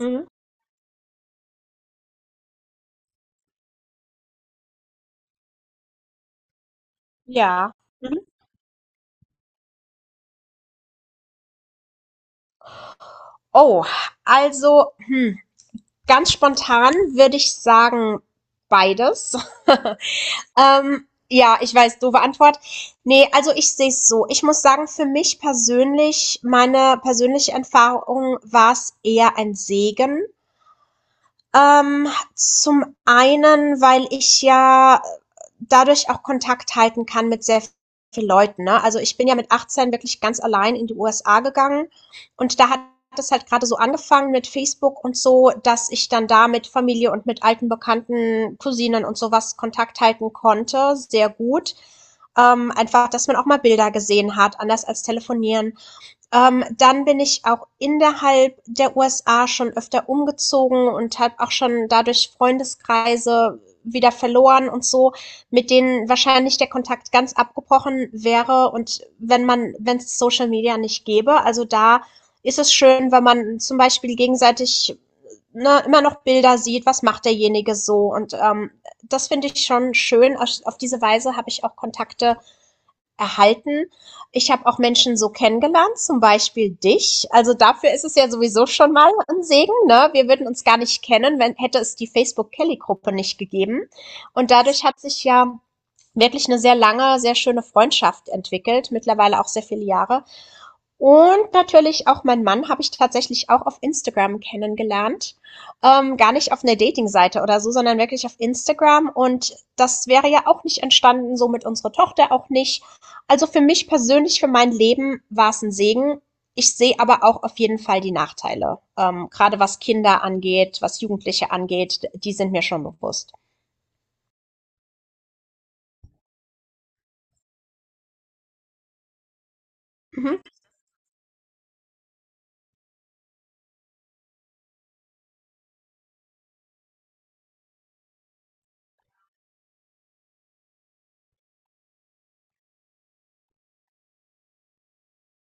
Mhm. Ja. Mhm. Oh, also, hm, ganz spontan würde ich sagen, beides. Ja, ich weiß, doofe Antwort. Nee, also ich sehe es so. Ich muss sagen, für mich persönlich, meine persönliche Erfahrung war es eher ein Segen. Ähm, zum einen, weil ich ja dadurch auch Kontakt halten kann mit sehr vielen Leuten, ne? Also, ich bin ja mit 18 wirklich ganz allein in die USA gegangen und da hat es halt gerade so angefangen mit Facebook und so, dass ich dann da mit Familie und mit alten Bekannten, Cousinen und sowas Kontakt halten konnte, sehr gut. Einfach, dass man auch mal Bilder gesehen hat, anders als telefonieren. Dann bin ich auch innerhalb der USA schon öfter umgezogen und habe auch schon dadurch Freundeskreise wieder verloren und so, mit denen wahrscheinlich der Kontakt ganz abgebrochen wäre, und wenn es Social Media nicht gäbe. Also da ist es schön, wenn man zum Beispiel gegenseitig, ne, immer noch Bilder sieht, was macht derjenige so, und das finde ich schon schön. Auf diese Weise habe ich auch Kontakte erhalten. Ich habe auch Menschen so kennengelernt, zum Beispiel dich. Also dafür ist es ja sowieso schon mal ein Segen. Ne? Wir würden uns gar nicht kennen, wenn, hätte es die Facebook-Kelly-Gruppe nicht gegeben. Und dadurch hat sich ja wirklich eine sehr lange, sehr schöne Freundschaft entwickelt, mittlerweile auch sehr viele Jahre. Und natürlich auch mein Mann, habe ich tatsächlich auch auf Instagram kennengelernt. Gar nicht auf einer Dating-Seite oder so, sondern wirklich auf Instagram. Und das wäre ja auch nicht entstanden, so mit unserer Tochter auch nicht. Also, für mich persönlich, für mein Leben war es ein Segen. Ich sehe aber auch auf jeden Fall die Nachteile, grade was Kinder angeht, was Jugendliche angeht, die sind mir schon bewusst. Mhm,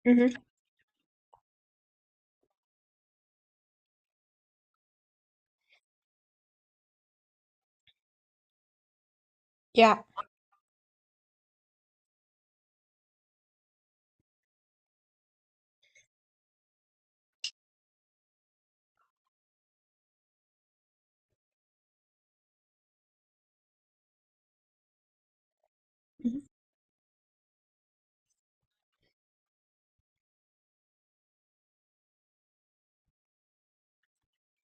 mhm, ja, mhm,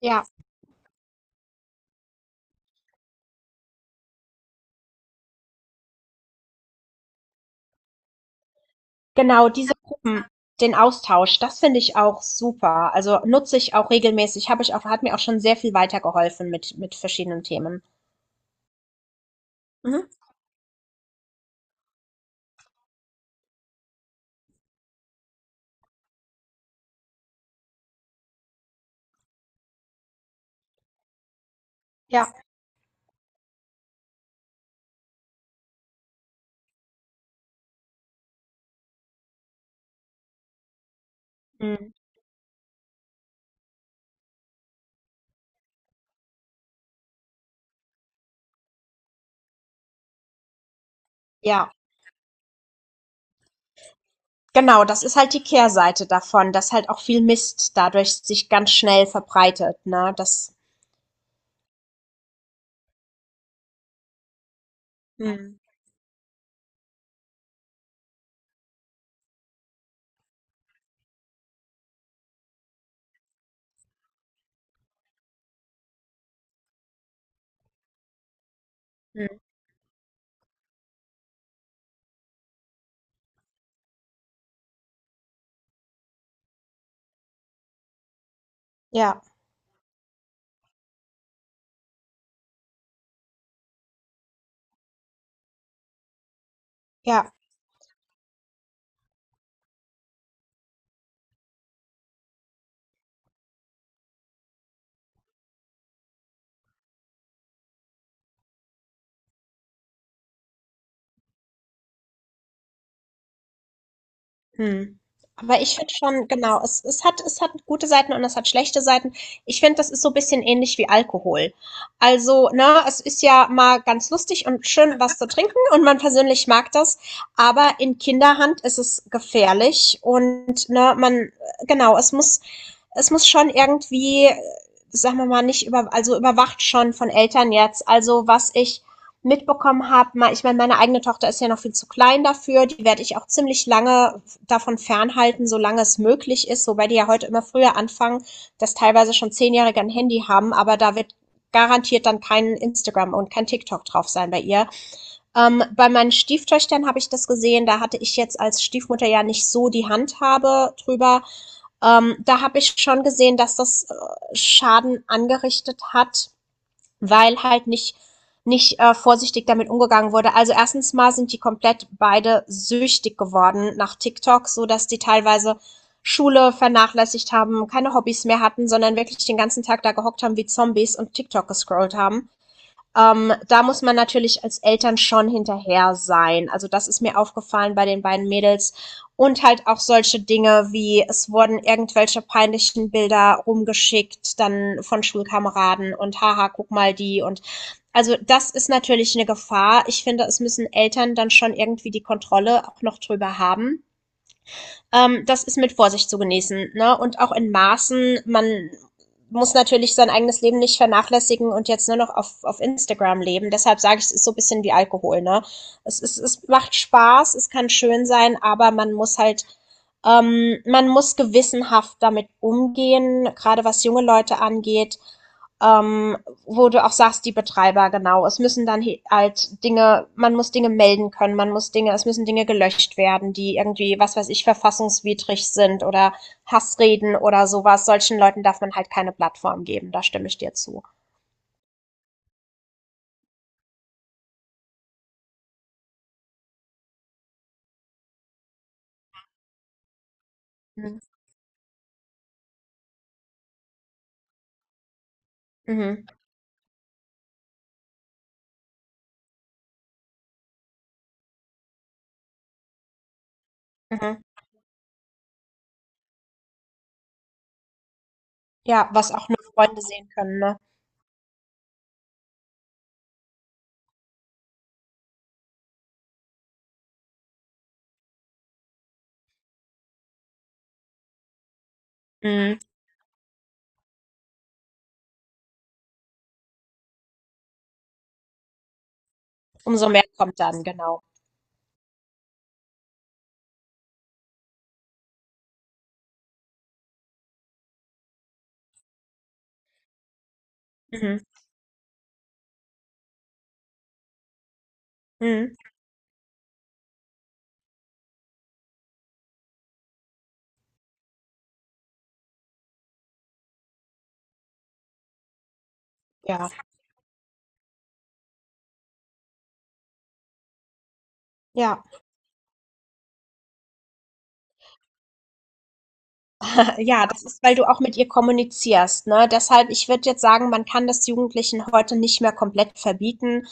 ja. Genau, diese Gruppen, den Austausch, das finde ich auch super. Also nutze ich auch regelmäßig, habe ich auch, hat mir auch schon sehr viel weitergeholfen mit verschiedenen Themen. Mhm. Ja. Mhm. Ja, genau, das ist halt die Kehrseite davon, dass halt auch viel Mist dadurch sich ganz schnell verbreitet, ne? Mhm. Mhm. Ja, ja. Hm. Aber ich finde schon, genau, es hat, es hat gute Seiten und es hat schlechte Seiten. Ich finde, das ist so ein bisschen ähnlich wie Alkohol. Also, ne, es ist ja mal ganz lustig und schön, was zu trinken, und man persönlich mag das, aber in Kinderhand ist es gefährlich und, ne, man, genau, es muss, es muss schon irgendwie, sagen wir mal, nicht über, also überwacht schon von Eltern jetzt. Also, was ich mitbekommen habe, mal, ich meine, meine eigene Tochter ist ja noch viel zu klein dafür, die werde ich auch ziemlich lange davon fernhalten, solange es möglich ist, wobei die ja heute immer früher anfangen, dass teilweise schon Zehnjährige ein Handy haben, aber da wird garantiert dann kein Instagram und kein TikTok drauf sein bei ihr. Bei meinen Stieftöchtern habe ich das gesehen, da hatte ich jetzt als Stiefmutter ja nicht so die Handhabe drüber. Da habe ich schon gesehen, dass das Schaden angerichtet hat, weil halt nicht vorsichtig damit umgegangen wurde. Also erstens mal sind die komplett beide süchtig geworden nach TikTok, so dass die teilweise Schule vernachlässigt haben, keine Hobbys mehr hatten, sondern wirklich den ganzen Tag da gehockt haben wie Zombies und TikTok gescrollt haben. Da muss man natürlich als Eltern schon hinterher sein. Also das ist mir aufgefallen bei den beiden Mädels. Und halt auch solche Dinge wie, es wurden irgendwelche peinlichen Bilder rumgeschickt, dann von Schulkameraden und haha, guck mal die und, also das ist natürlich eine Gefahr. Ich finde, es müssen Eltern dann schon irgendwie die Kontrolle auch noch drüber haben. Das ist mit Vorsicht zu genießen, ne? Und auch in Maßen, man muss natürlich sein eigenes Leben nicht vernachlässigen und jetzt nur noch auf Instagram leben. Deshalb sage ich, es ist so ein bisschen wie Alkohol, ne? Es macht Spaß, es kann schön sein, aber man muss halt, man muss gewissenhaft damit umgehen, gerade was junge Leute angeht. Ähm, wo du auch sagst, die Betreiber, genau. Es müssen dann halt Dinge, man muss Dinge melden können, man muss Dinge, es müssen Dinge gelöscht werden, die irgendwie, was weiß ich, verfassungswidrig sind, oder Hassreden oder sowas. Solchen Leuten darf man halt keine Plattform geben, da stimme ich dir zu. Mhm. Mhm. Mhm. Ja, was auch nur Freunde sehen können, ne? Mhm. Umso mehr kommt dann, genau. Mhm. Mhm. Ja, ja, ja, das ist, weil du auch mit ihr kommunizierst, ne? Deshalb, ich würde jetzt sagen, man kann das Jugendlichen heute nicht mehr komplett verbieten.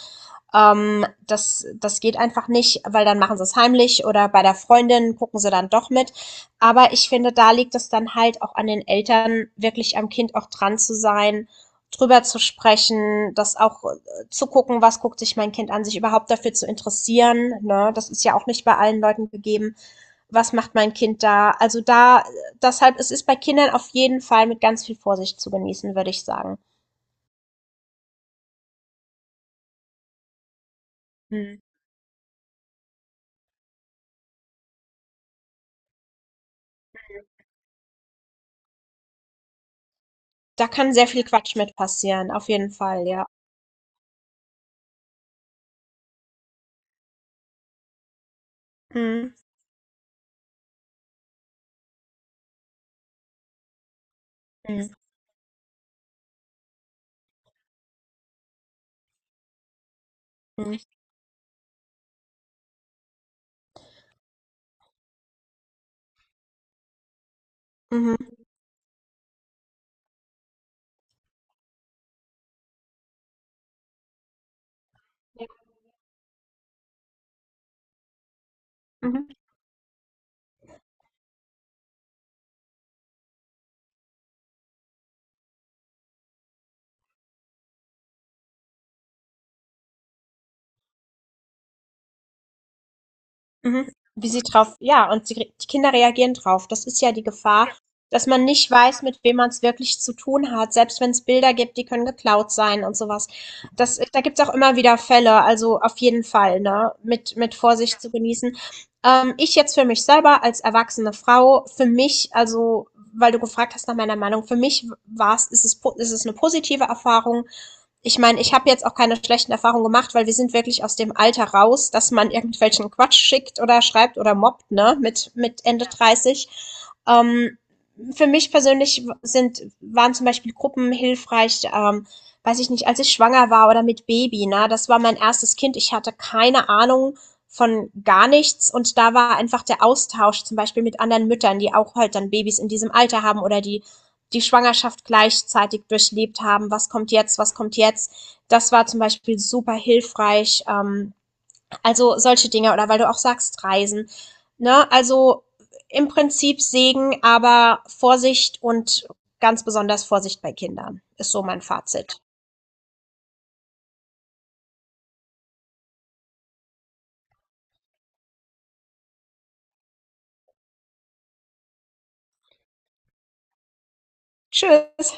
Das geht einfach nicht, weil dann machen sie es heimlich oder bei der Freundin gucken sie dann doch mit. Aber ich finde, da liegt es dann halt auch an den Eltern, wirklich am Kind auch dran zu sein, drüber zu sprechen, das auch zu gucken, was guckt sich mein Kind an, sich überhaupt dafür zu interessieren. Ne? Das ist ja auch nicht bei allen Leuten gegeben. Was macht mein Kind da? Also da, deshalb, es ist bei Kindern auf jeden Fall mit ganz viel Vorsicht zu genießen, würde ich sagen. Hm. Da kann sehr viel Quatsch mit passieren, auf jeden Fall, ja. Mhm. Mhm. Mhm. Mhm. Ja. Mhm. Mhm. Wie sie drauf ja, und sie die Kinder reagieren drauf. Das ist ja die Gefahr. Ja. Dass man nicht weiß, mit wem man es wirklich zu tun hat, selbst wenn es Bilder gibt, die können geklaut sein und sowas. Das, da gibt es auch immer wieder Fälle, also auf jeden Fall, ne, mit Ja. Vorsicht zu genießen. Ich jetzt für mich selber als erwachsene Frau, für mich also, weil du gefragt hast nach meiner Meinung, für mich war es, ist es eine positive Erfahrung. Ich meine, ich habe jetzt auch keine schlechten Erfahrungen gemacht, weil wir sind wirklich aus dem Alter raus, dass man irgendwelchen Quatsch schickt oder schreibt oder mobbt, ne, mit Ende 30. Ähm, für mich persönlich sind, waren zum Beispiel Gruppen hilfreich, weiß ich nicht, als ich schwanger war oder mit Baby, ne, das war mein erstes Kind, ich hatte keine Ahnung von gar nichts, und da war einfach der Austausch zum Beispiel mit anderen Müttern, die auch halt dann Babys in diesem Alter haben, oder die die Schwangerschaft gleichzeitig durchlebt haben, was kommt jetzt, was kommt jetzt. Das war zum Beispiel super hilfreich. Also solche Dinge, oder weil du auch sagst, Reisen. Ne? Also im Prinzip Segen, aber Vorsicht und ganz besonders Vorsicht bei Kindern ist so mein Fazit. Tschüss.